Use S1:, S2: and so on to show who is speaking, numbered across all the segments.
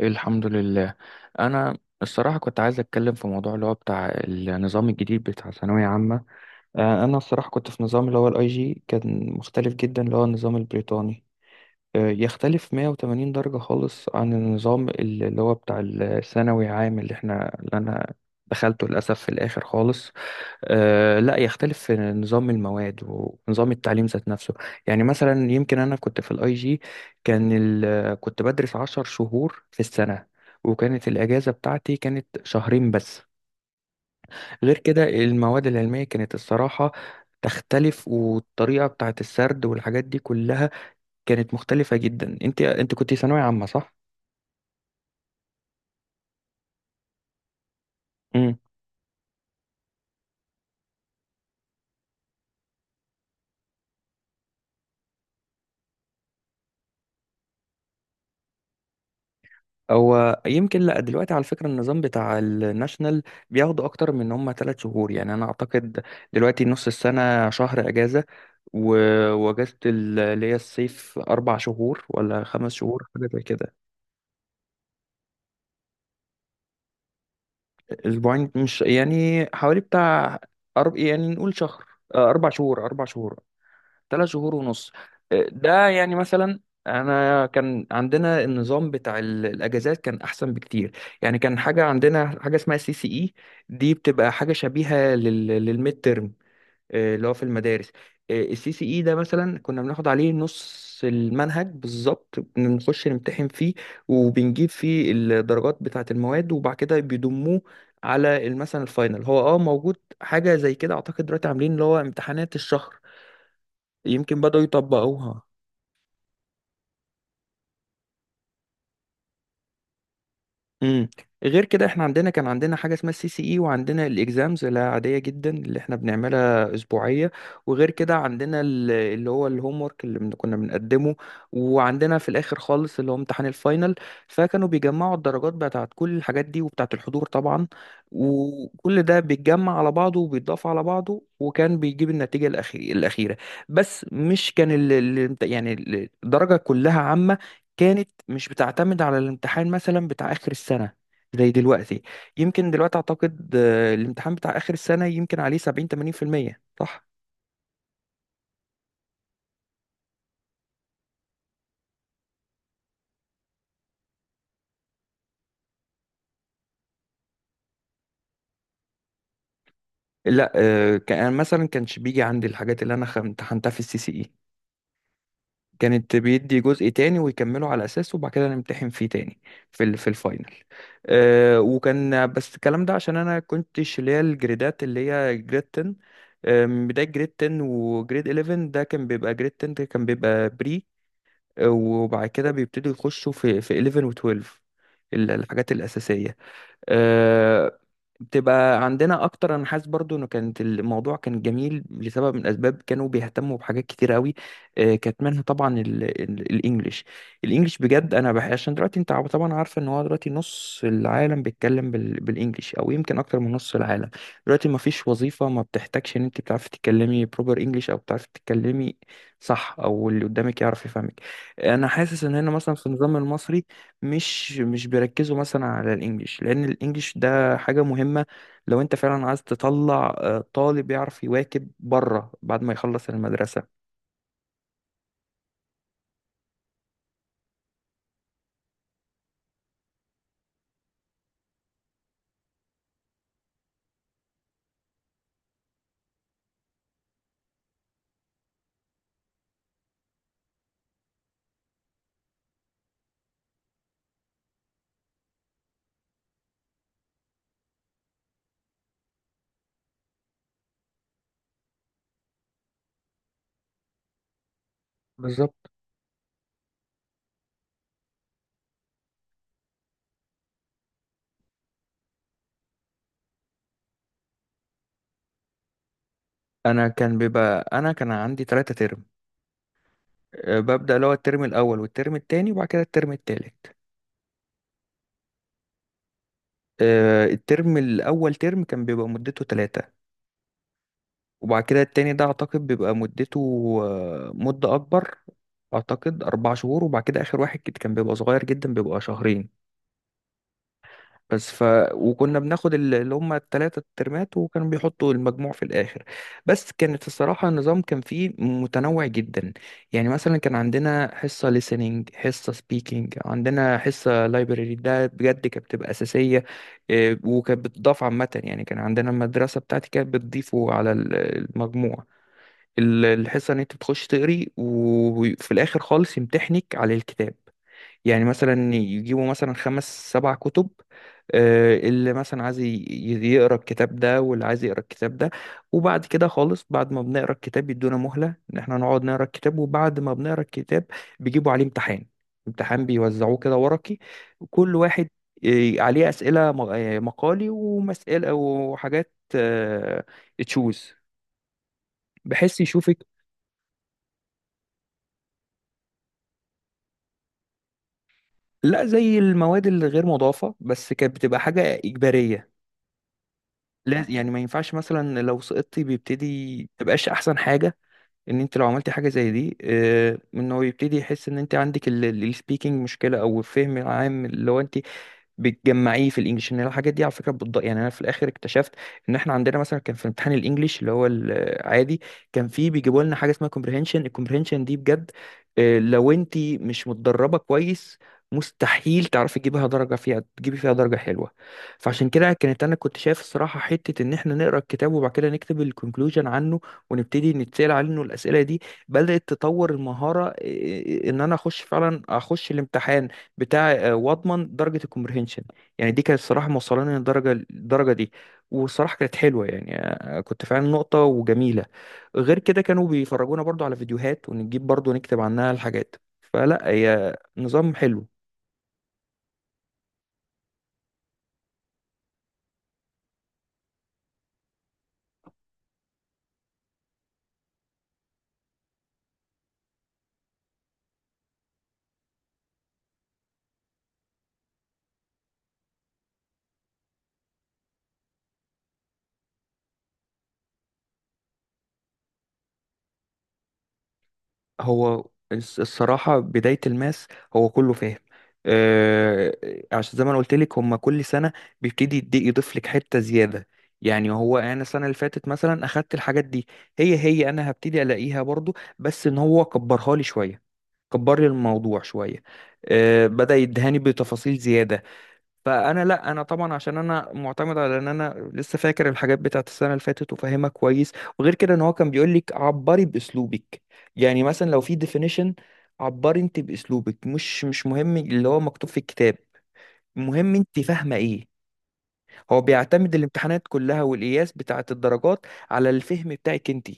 S1: الحمد لله. انا الصراحه كنت عايز اتكلم في موضوع اللي هو بتاع النظام الجديد بتاع ثانويه عامه. انا الصراحه كنت في نظام اللي هو الاي جي، كان مختلف جدا، اللي هو النظام البريطاني. يختلف 180 درجه خالص عن النظام اللي هو بتاع الثانوي عام اللي انا دخلته للاسف في الاخر خالص. لا يختلف في نظام المواد ونظام التعليم ذات نفسه. يعني مثلا يمكن انا كنت في الاي جي، كنت بدرس عشر شهور في السنة، وكانت الأجازة بتاعتي كانت شهرين بس. غير كده المواد العلمية كانت الصراحة تختلف، والطريقة بتاعت السرد والحاجات دي كلها كانت مختلفة جدا. انت كنت ثانوية عامة، صح؟ هو يمكن، لا دلوقتي على فكرة، النظام بتاع الناشنال بياخدوا أكتر من إن هم ثلاث شهور، يعني أنا أعتقد دلوقتي نص السنة شهر أجازة، وأجازة اللي هي الصيف أربع شهور ولا خمس شهور حاجة زي كده. أسبوعين مش يعني، حوالي بتاع، يعني نقول شهر. أربع شهور، أربع شهور. ثلاث شهور ونص. ده يعني مثلا انا كان عندنا النظام بتاع الاجازات كان احسن بكتير. يعني كان حاجه، عندنا حاجه اسمها سي سي اي، دي بتبقى حاجه شبيهه للميد ترم، اللي هو في المدارس. السي سي اي ده مثلا كنا بناخد عليه نص المنهج بالظبط، بنخش نمتحن فيه وبنجيب فيه الدرجات بتاعه المواد، وبعد كده بيضموه على مثلا الفاينل. هو موجود حاجه زي كده، اعتقد دلوقتي عاملين اللي هو امتحانات الشهر، يمكن بدأوا يطبقوها. امم غير كده احنا عندنا، كان عندنا حاجه اسمها السي سي اي، وعندنا الاكزامز اللي عاديه جدا اللي احنا بنعملها اسبوعيه، وغير كده عندنا اللي هو الهوم ورك اللي كنا بنقدمه، وعندنا في الاخر خالص اللي هو امتحان الفاينل. فكانوا بيجمعوا الدرجات بتاعت كل الحاجات دي وبتاعت الحضور طبعا، وكل ده بيتجمع على بعضه وبيتضاف على بعضه، وكان بيجيب النتيجه الاخيره. بس مش كان يعني الدرجه كلها عامه، كانت مش بتعتمد على الامتحان مثلا بتاع آخر السنة زي دلوقتي. يمكن دلوقتي أعتقد، الامتحان بتاع آخر السنة يمكن عليه 70، 80%، صح؟ لا كان يعني مثلا كانش بيجي عندي الحاجات اللي أنا امتحنتها في السي سي إي، كانت بيدي جزء تاني ويكمله على أساسه، وبعد كده نمتحن فيه تاني في الفاينل. وكان بس الكلام ده عشان أنا كنتش اللي هي الجريدات، اللي هي جريد 10، من بداية جريد 10 وجريد 11، ده كان بيبقى جريد 10 ده كان بيبقى بري، وبعد كده بيبتدوا يخشوا في 11 و12. الحاجات الأساسية، آه، بتبقى عندنا اكتر. انا حاسس برضو انه كانت الموضوع كان جميل لسبب من الاسباب، كانوا بيهتموا بحاجات كتير قوي. كانت منها طبعا الانجليش. الانجليش بجد انا عشان دلوقتي انت طبعا عارفه ان هو دلوقتي نص العالم بيتكلم بالانجليش، او يمكن اكتر من نص العالم. دلوقتي ما فيش وظيفه ما بتحتاجش ان انت بتعرفي تتكلمي بروبر انجليش، او بتعرفي تتكلمي صح، او اللي قدامك يعرف يفهمك. انا حاسس ان هنا مثلا في النظام المصري مش بيركزوا مثلا على الانجليش، لان الانجليش ده حاجة مهمة لو انت فعلا عايز تطلع، طالب يعرف يواكب بره بعد ما يخلص المدرسة. بالظبط. انا كان بيبقى، انا كان عندي ثلاثة ترم، ببدأ اللي هو الترم الاول والترم التاني وبعد كده الترم التالت. الترم الاول ترم كان بيبقى مدته ثلاثة، وبعد كده التاني ده اعتقد بيبقى مدته، مدة اكبر. اعتقد اربع شهور، وبعد كده اخر واحد كده كان بيبقى صغير جدا، بيبقى شهرين بس. وكنا بناخد اللي هم التلاتة الترمات، وكانوا بيحطوا المجموع في الآخر. بس كانت الصراحة، النظام كان فيه متنوع جدا. يعني مثلا كان عندنا حصة listening، حصة speaking، عندنا حصة library، ده بجد كانت بتبقى أساسية. وكانت بتضاف عامة، يعني كان عندنا المدرسة بتاعتي كانت بتضيفه على المجموع. الحصة إن أنت بتخش تقري، وفي الآخر خالص يمتحنك على الكتاب. يعني مثلا يجيبوا مثلا خمس سبع كتب، اللي مثلا عايز يقرا الكتاب ده، واللي عايز يقرا الكتاب ده. وبعد كده خالص، بعد ما بنقرا الكتاب، يدونا مهلة ان احنا نقعد نقرا الكتاب، وبعد ما بنقرا الكتاب بيجيبوا عليه امتحان. امتحان بيوزعوه كده ورقي كل واحد، عليه أسئلة مقالي ومسألة وحاجات تشوز، بحيث يشوفك. لا، زي المواد الغير مضافة، بس كانت بتبقى حاجة إجبارية. لا يعني ما ينفعش مثلا لو سقطتي بيبتدي تبقاش احسن حاجة، ان انت لو عملتي حاجه زي دي، ان هو يبتدي يحس ان انت عندك السبيكنج مشكله، او الفهم العام اللي هو انت بتجمعيه في الانجليش، ان الحاجات دي على فكره يعني انا في الاخر اكتشفت ان احنا عندنا مثلا كان في امتحان الانجليش اللي هو العادي، كان فيه بيجيبوا لنا حاجه اسمها كومبريهنشن. الكومبريهنشن دي بجد، لو انت مش متدربه كويس، مستحيل تعرفي تجيبها درجه فيها، تجيبي فيها درجه حلوه. فعشان كده كانت، انا كنت شايف الصراحه حته ان احنا نقرا الكتاب، وبعد كده نكتب الكونكلوجن عنه، ونبتدي نتسأل عنه الأسئلة دي، بدأت تطور المهارة. إن أنا أخش فعلا أخش الامتحان بتاع، وأضمن درجة الكومبريهنشن. يعني دي كانت الصراحة موصلاني للدرجة دي، والصراحة كانت حلوة، يعني كنت فعلا نقطة وجميلة. غير كده كانوا بيفرجونا برضو على فيديوهات، ونجيب برضو نكتب عنها الحاجات. فلا، هي نظام حلو. هو الصراحة بداية الماس، هو كله فاهم. آه، عشان زي ما انا قلت لك، هما كل سنة بيبتدي يضيف لك حتة زيادة. يعني هو انا السنة اللي فاتت مثلا اخدت الحاجات دي، هي انا هبتدي الاقيها برضو، بس ان هو كبرها لي شوية، كبر لي الموضوع شوية. بدأ يدهاني بتفاصيل زيادة. فانا لا، انا طبعا عشان انا معتمد على ان انا لسه فاكر الحاجات بتاعت السنه اللي فاتت وفاهمها كويس. وغير كده ان هو كان بيقول لك عبري باسلوبك. يعني مثلا لو في ديفينيشن، عبري انت باسلوبك، مش مهم اللي هو مكتوب في الكتاب، المهم انت فاهمه ايه. هو بيعتمد الامتحانات كلها والقياس بتاعت الدرجات على الفهم بتاعك انت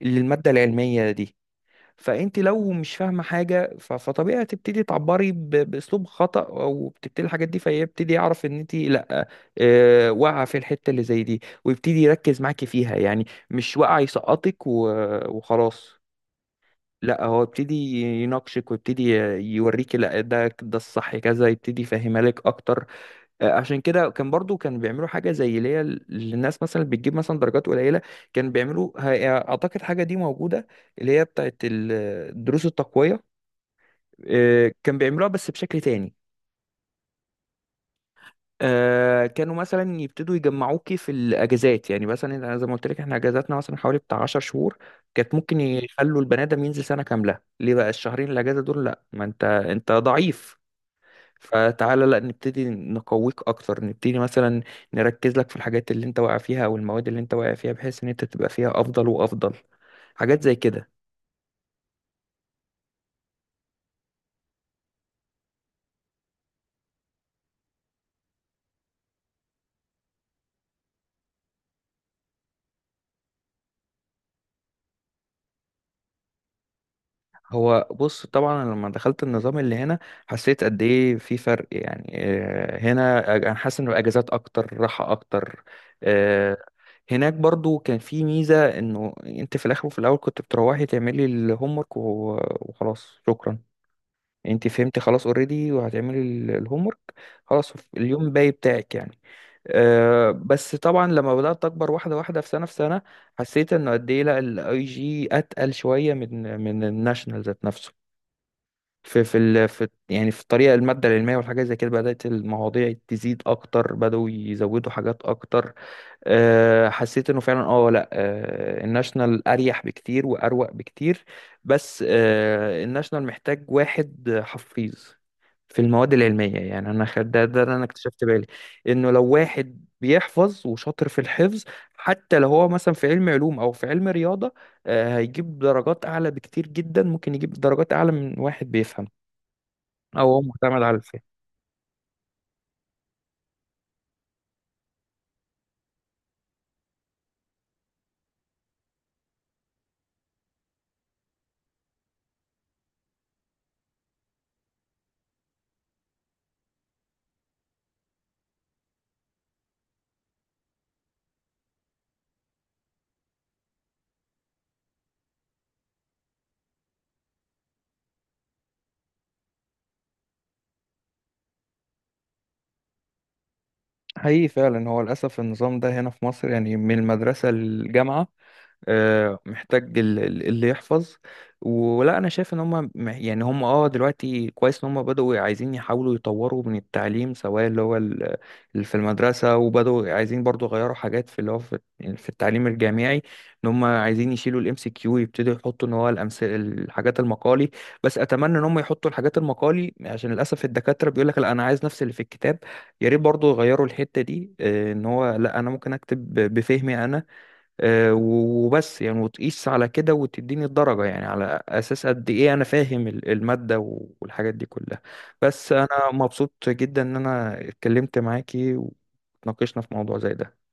S1: للماده العلميه دي. فانت لو مش فاهمه حاجه، فطبيعي هتبتدي تعبري باسلوب خطا، او بتبتدي الحاجات دي، فيبتدي يعرف ان انت لا، واقعه في الحته اللي زي دي، ويبتدي يركز معاكي فيها. يعني مش واقع يسقطك وخلاص، لا هو يبتدي يناقشك، ويبتدي يوريكي لا، ده الصح كذا، يبتدي يفهمها لك اكتر. عشان كده كان برضو، كان بيعملوا حاجة زي اللي هي للناس مثلا اللي بتجيب مثلا درجات قليلة، كان بيعملوا أعتقد حاجة دي موجودة، اللي هي بتاعت دروس التقوية. كان بيعملوها بس بشكل تاني. كانوا مثلا يبتدوا يجمعوكي في الأجازات. يعني مثلا أنا زي ما قلت لك، احنا أجازاتنا مثلا حوالي بتاع 10 شهور، كانت ممكن يخلوا البني آدم ينزل سنة كاملة، ليه بقى الشهرين الأجازة دول؟ لأ، ما أنت ضعيف، فتعالى لا نبتدي نقويك اكتر. نبتدي مثلا نركز لك في الحاجات اللي انت واقع فيها، او المواد اللي انت واقع فيها، بحيث ان انت تبقى فيها افضل وافضل. حاجات زي كده. هو بص، طبعا أنا لما دخلت النظام اللي هنا، حسيت قد ايه في فرق. يعني هنا انا حاسس ان الاجازات اكتر، راحة اكتر. آه، هناك برضو كان في ميزة، انه انت في الاخر وفي الاول كنت بتروحي تعملي الهومورك وخلاص، شكرا انت فهمتي، خلاص اوريدي وهتعملي الهوم ورك، خلاص اليوم باقي بتاعك يعني. بس طبعا لما بدأت أكبر، واحدة واحدة، في سنة في سنة، حسيت إنه قد إيه لا، الأي جي أتقل شوية من الناشونال ذات نفسه، في يعني في الطريقة، المادة العلمية والحاجات زي كده بدأت المواضيع تزيد أكتر، بدأوا يزودوا حاجات أكتر. حسيت إنه فعلا، لا الناشونال أريح بكتير وأروق بكتير، بس الناشونال محتاج واحد حفيظ في المواد العلمية. يعني أنا خد ده اللي أنا اكتشفت بالي، إنه لو واحد بيحفظ وشاطر في الحفظ، حتى لو هو مثلا في علم علوم أو في علم رياضة، هيجيب درجات أعلى بكتير جدا، ممكن يجيب درجات أعلى من واحد بيفهم أو هو معتمد على الفهم. حقيقي فعلا، هو للأسف النظام ده هنا في مصر يعني من المدرسة للجامعة، محتاج اللي يحفظ. ولا انا شايف ان هم دلوقتي كويس، ان هم بدأوا عايزين يحاولوا يطوروا من التعليم، سواء اللي هو اللي في المدرسة، وبدأوا عايزين برضو يغيروا حاجات في اللي هو في التعليم الجامعي، ان هم عايزين يشيلوا الام سي كيو، يبتدوا يحطوا ان هو الامثله، الحاجات المقالي. بس اتمنى ان هم يحطوا الحاجات المقالي، عشان للاسف الدكاترة بيقول لك لا انا عايز نفس اللي في الكتاب. يا ريت برضو يغيروا الحتة دي، ان هو لا انا ممكن اكتب بفهمي انا، وبس، يعني وتقيس على كده وتديني الدرجة، يعني على أساس قد إيه أنا فاهم المادة والحاجات دي كلها. بس أنا مبسوط جدا إن أنا اتكلمت معاكي وتناقشنا في موضوع زي ده.